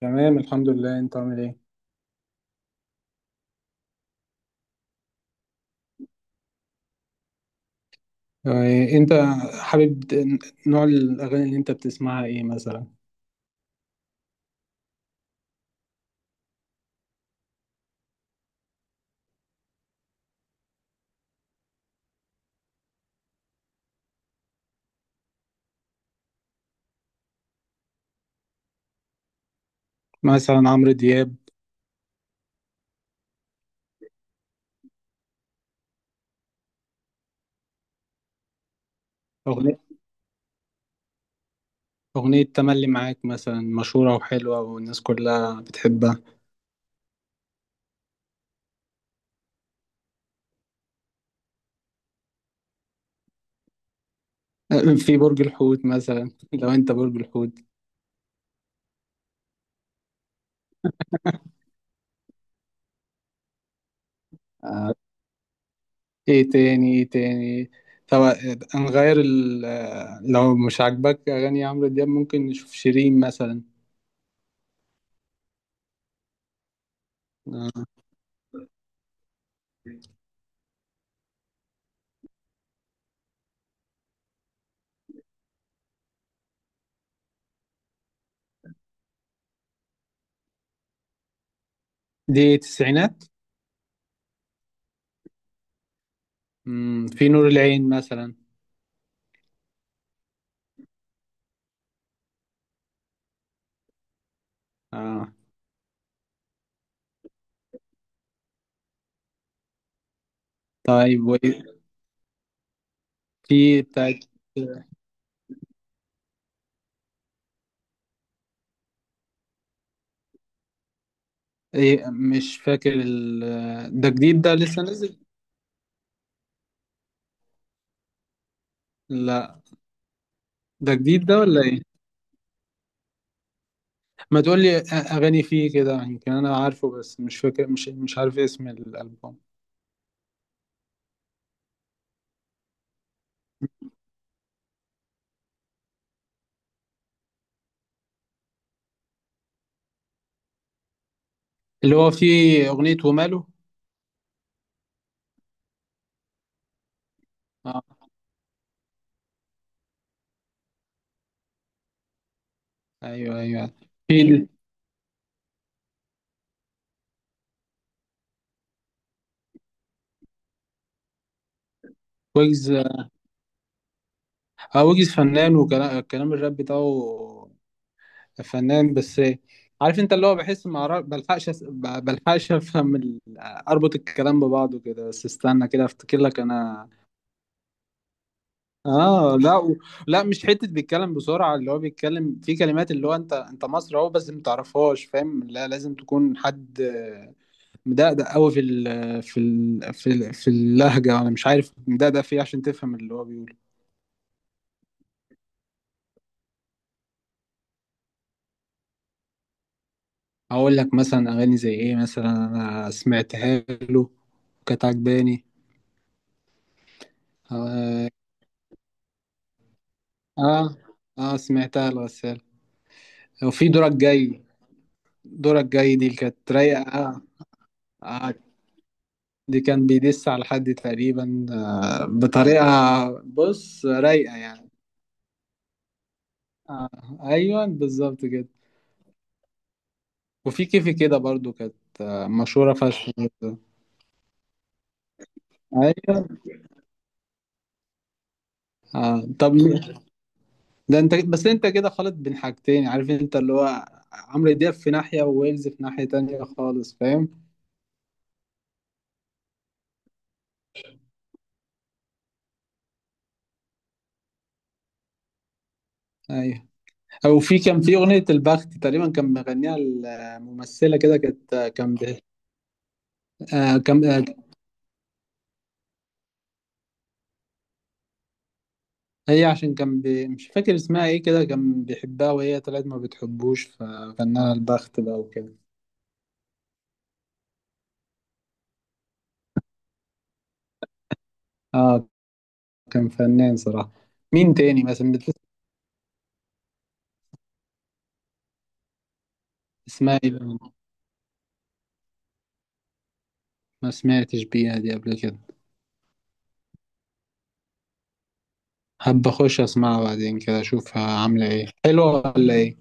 تمام، الحمد لله. انت عامل ايه؟ يعني انت حابب نوع الاغاني اللي انت بتسمعها ايه مثلا؟ مثلا عمرو دياب. اغنية اغنية تملي معاك مثلا، مشهورة وحلوة والناس كلها بتحبها. آه، في برج الحوت مثلا لو انت برج الحوت. آه، ايه تاني؟ ايه تاني؟ طب نغير لو مش عاجبك اغاني عمرو دياب ممكن نشوف شيرين مثلا. آه، دي تسعينات. في نور العين مثلا. آه. طيب، في بتاعت ايه؟ مش فاكر ده جديد، ده لسه نازل. لا، ده جديد ده ولا ايه؟ ما تقول لي اغاني فيه كده يمكن انا عارفه، بس مش فاكر، مش عارف اسم الالبوم اللي هو فيه اغنية وماله. اه، ايوه ايوه. في ويجز. اه، ويجز فنان وكلام الكلام الراب بتاعه فنان، بس عارف انت اللي هو؟ بحس ما أعرف- بلحقش أس- ب- بلحقش افهم اربط الكلام ببعضه كده، بس استنى كده افتكر لك انا. اه، لا، مش حته بيتكلم بسرعه، اللي هو بيتكلم في كلمات اللي هو، انت مصري اهو بس ما تعرفهاش، فاهم؟ لا، لازم تكون حد مدقدق قوي في اللهجه، انا مش عارف مدقدق في إيه، عشان تفهم اللي هو بيقوله. هقول لك مثلا اغاني زي ايه مثلا انا سمعتها له، كانت عجباني. اه. اه. آه، سمعتها الغسالة. وفي دورك جاي. دورك جاي دي كانت رايقه، اه. آه، دي كان بيدس على حد تقريبا بطريقة. بص، رايقة يعني. آه، أيوة بالظبط كده. وفي كيفي كده برضو كانت مشهورة فشخ برضو. أيوة. آه. طب، ده أنت، بس أنت كده خالط بين حاجتين. عارف أنت اللي هو عمرو دياب في ناحية وويلز في ناحية تانية خالص، فاهم؟ أيوة. أو في، كان في أغنية البخت تقريبا كان مغنيها الممثلة كده، كانت آه، كان ب- آه، كان آه، هي عشان كان مش فاكر اسمها ايه كده، كان بيحبها وهي طلعت ما بتحبوش، ففنها البخت بقى وكده. اه، كان فنان صراحة. مين تاني مثلا اسمها ايه بقى؟ ما سمعتش بيها دي قبل كده. حابة اخش اسمعها بعدين كده، اشوفها عاملة ايه، حلوة ولا ايه.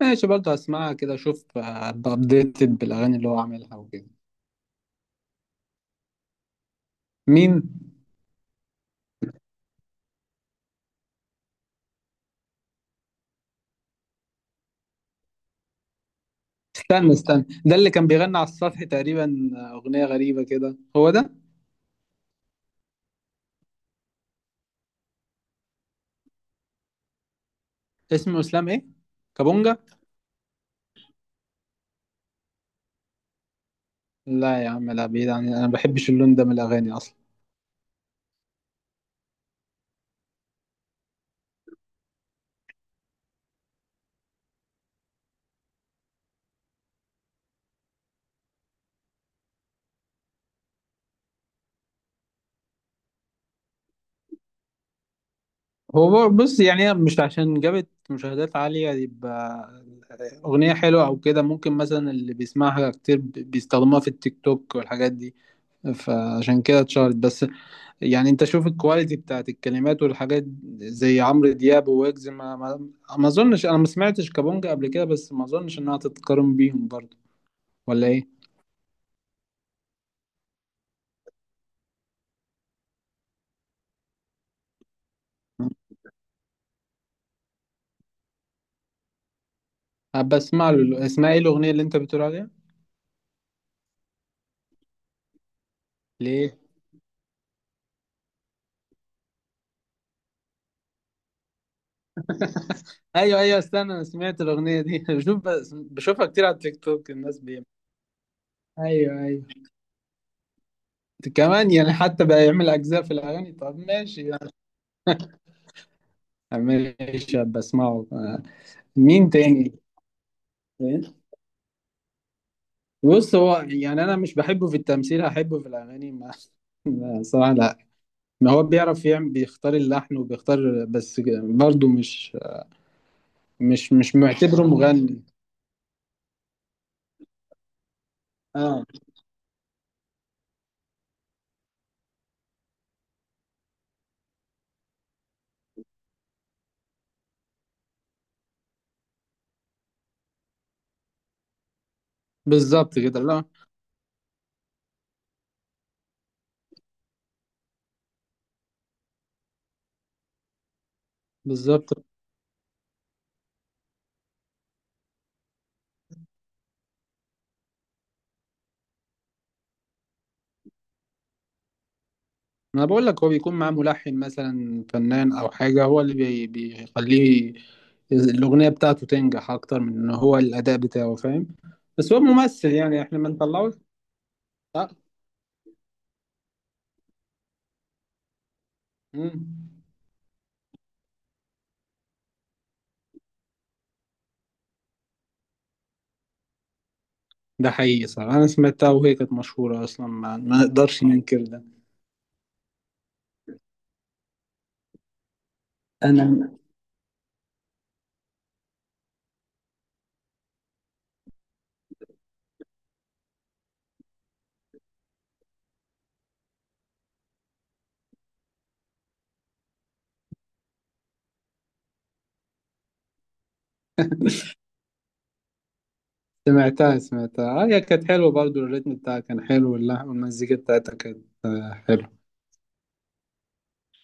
ماشي، برضه اسمعها كده، اشوف ابقى ابديتد بالاغاني اللي هو عاملها وكده. مين؟ استنى استنى، ده اللي كان بيغني على السطح تقريبا، اغنية غريبة كده، هو ده؟ اسمه اسلام ايه؟ كابونجا. لا يا عم، لا، بعيد عن، انا ما بحبش اللون ده من الاغاني اصلا. بص، يعني هي مش عشان جابت مشاهدات عالية يبقى أغنية حلوة أو كده، ممكن مثلا اللي بيسمعها كتير بيستخدموها في التيك توك والحاجات دي، فعشان كده اتشهرت بس. يعني أنت شوف الكواليتي بتاعت الكلمات والحاجات زي عمرو دياب وويجز، ما أظنش، أنا ما سمعتش كابونجا قبل كده، بس ما أظنش إنها تتقارن بيهم برضه، ولا إيه؟ أبقى أسمع له. اسمها إيه الأغنية اللي أنت بتقول عليها؟ ليه؟ ايوه ايوه، استنى، انا سمعت الاغنيه دي بشوفها كتير على التيك توك الناس بي. ايوه ايوه. كمان يعني حتى بقى يعمل اجزاء في الاغاني، طب ماشي يعني. ماشي بسمعه مين تاني؟ بص، هو يعني انا مش بحبه في التمثيل، هحبه في الاغاني؟ ما صراحه لا. ما هو بيعرف يعمل، بيختار اللحن وبيختار، بس برضه مش معتبره مغني. اه، بالظبط كده. لا، بالظبط. انا بقول لك هو بيكون معاه ملحن مثلا فنان او حاجه، هو اللي بيخليه الاغنيه بتاعته تنجح اكتر من ان هو الاداء بتاعه، فاهم؟ بس هو ممثل يعني، احنا ما نطلعوش. لا. مم. ده حقيقي صح، انا سمعتها وهي كانت مشهوره اصلا، ما نقدرش ننكر ده. انا سمعتها آه، هي كانت حلوه برضو، الريتم بتاعها كان حلو، واللحن والمزيكا بتاعتها كانت حلوه.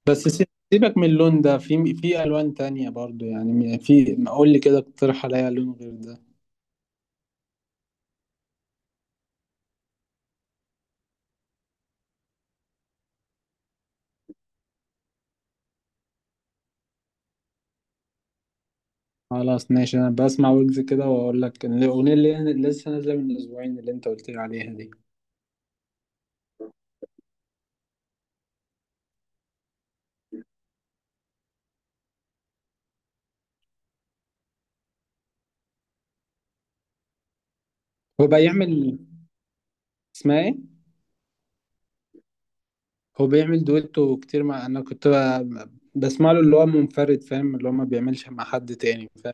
بس سيبك من اللون ده، في الوان تانية برضو يعني، في قول لي كده، اقترح عليا لون غير ده. خلاص ماشي، انا بسمع ويجز كده واقول لك إن الاغنيه اللي لسه نازله من اسبوعين اللي انت قلت لي عليها دي. هو بيعمل اسمها ايه؟ هو بيعمل دويتو كتير مع، انا كنت بسمع له اللي هو منفرد، فاهم؟ اللي هو ما بيعملش مع حد تاني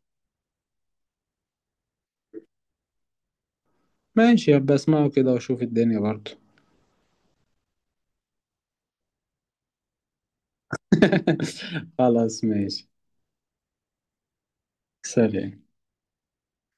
ماشي بسمعه كده واشوف الدنيا برضه. خلاص ماشي. سلام.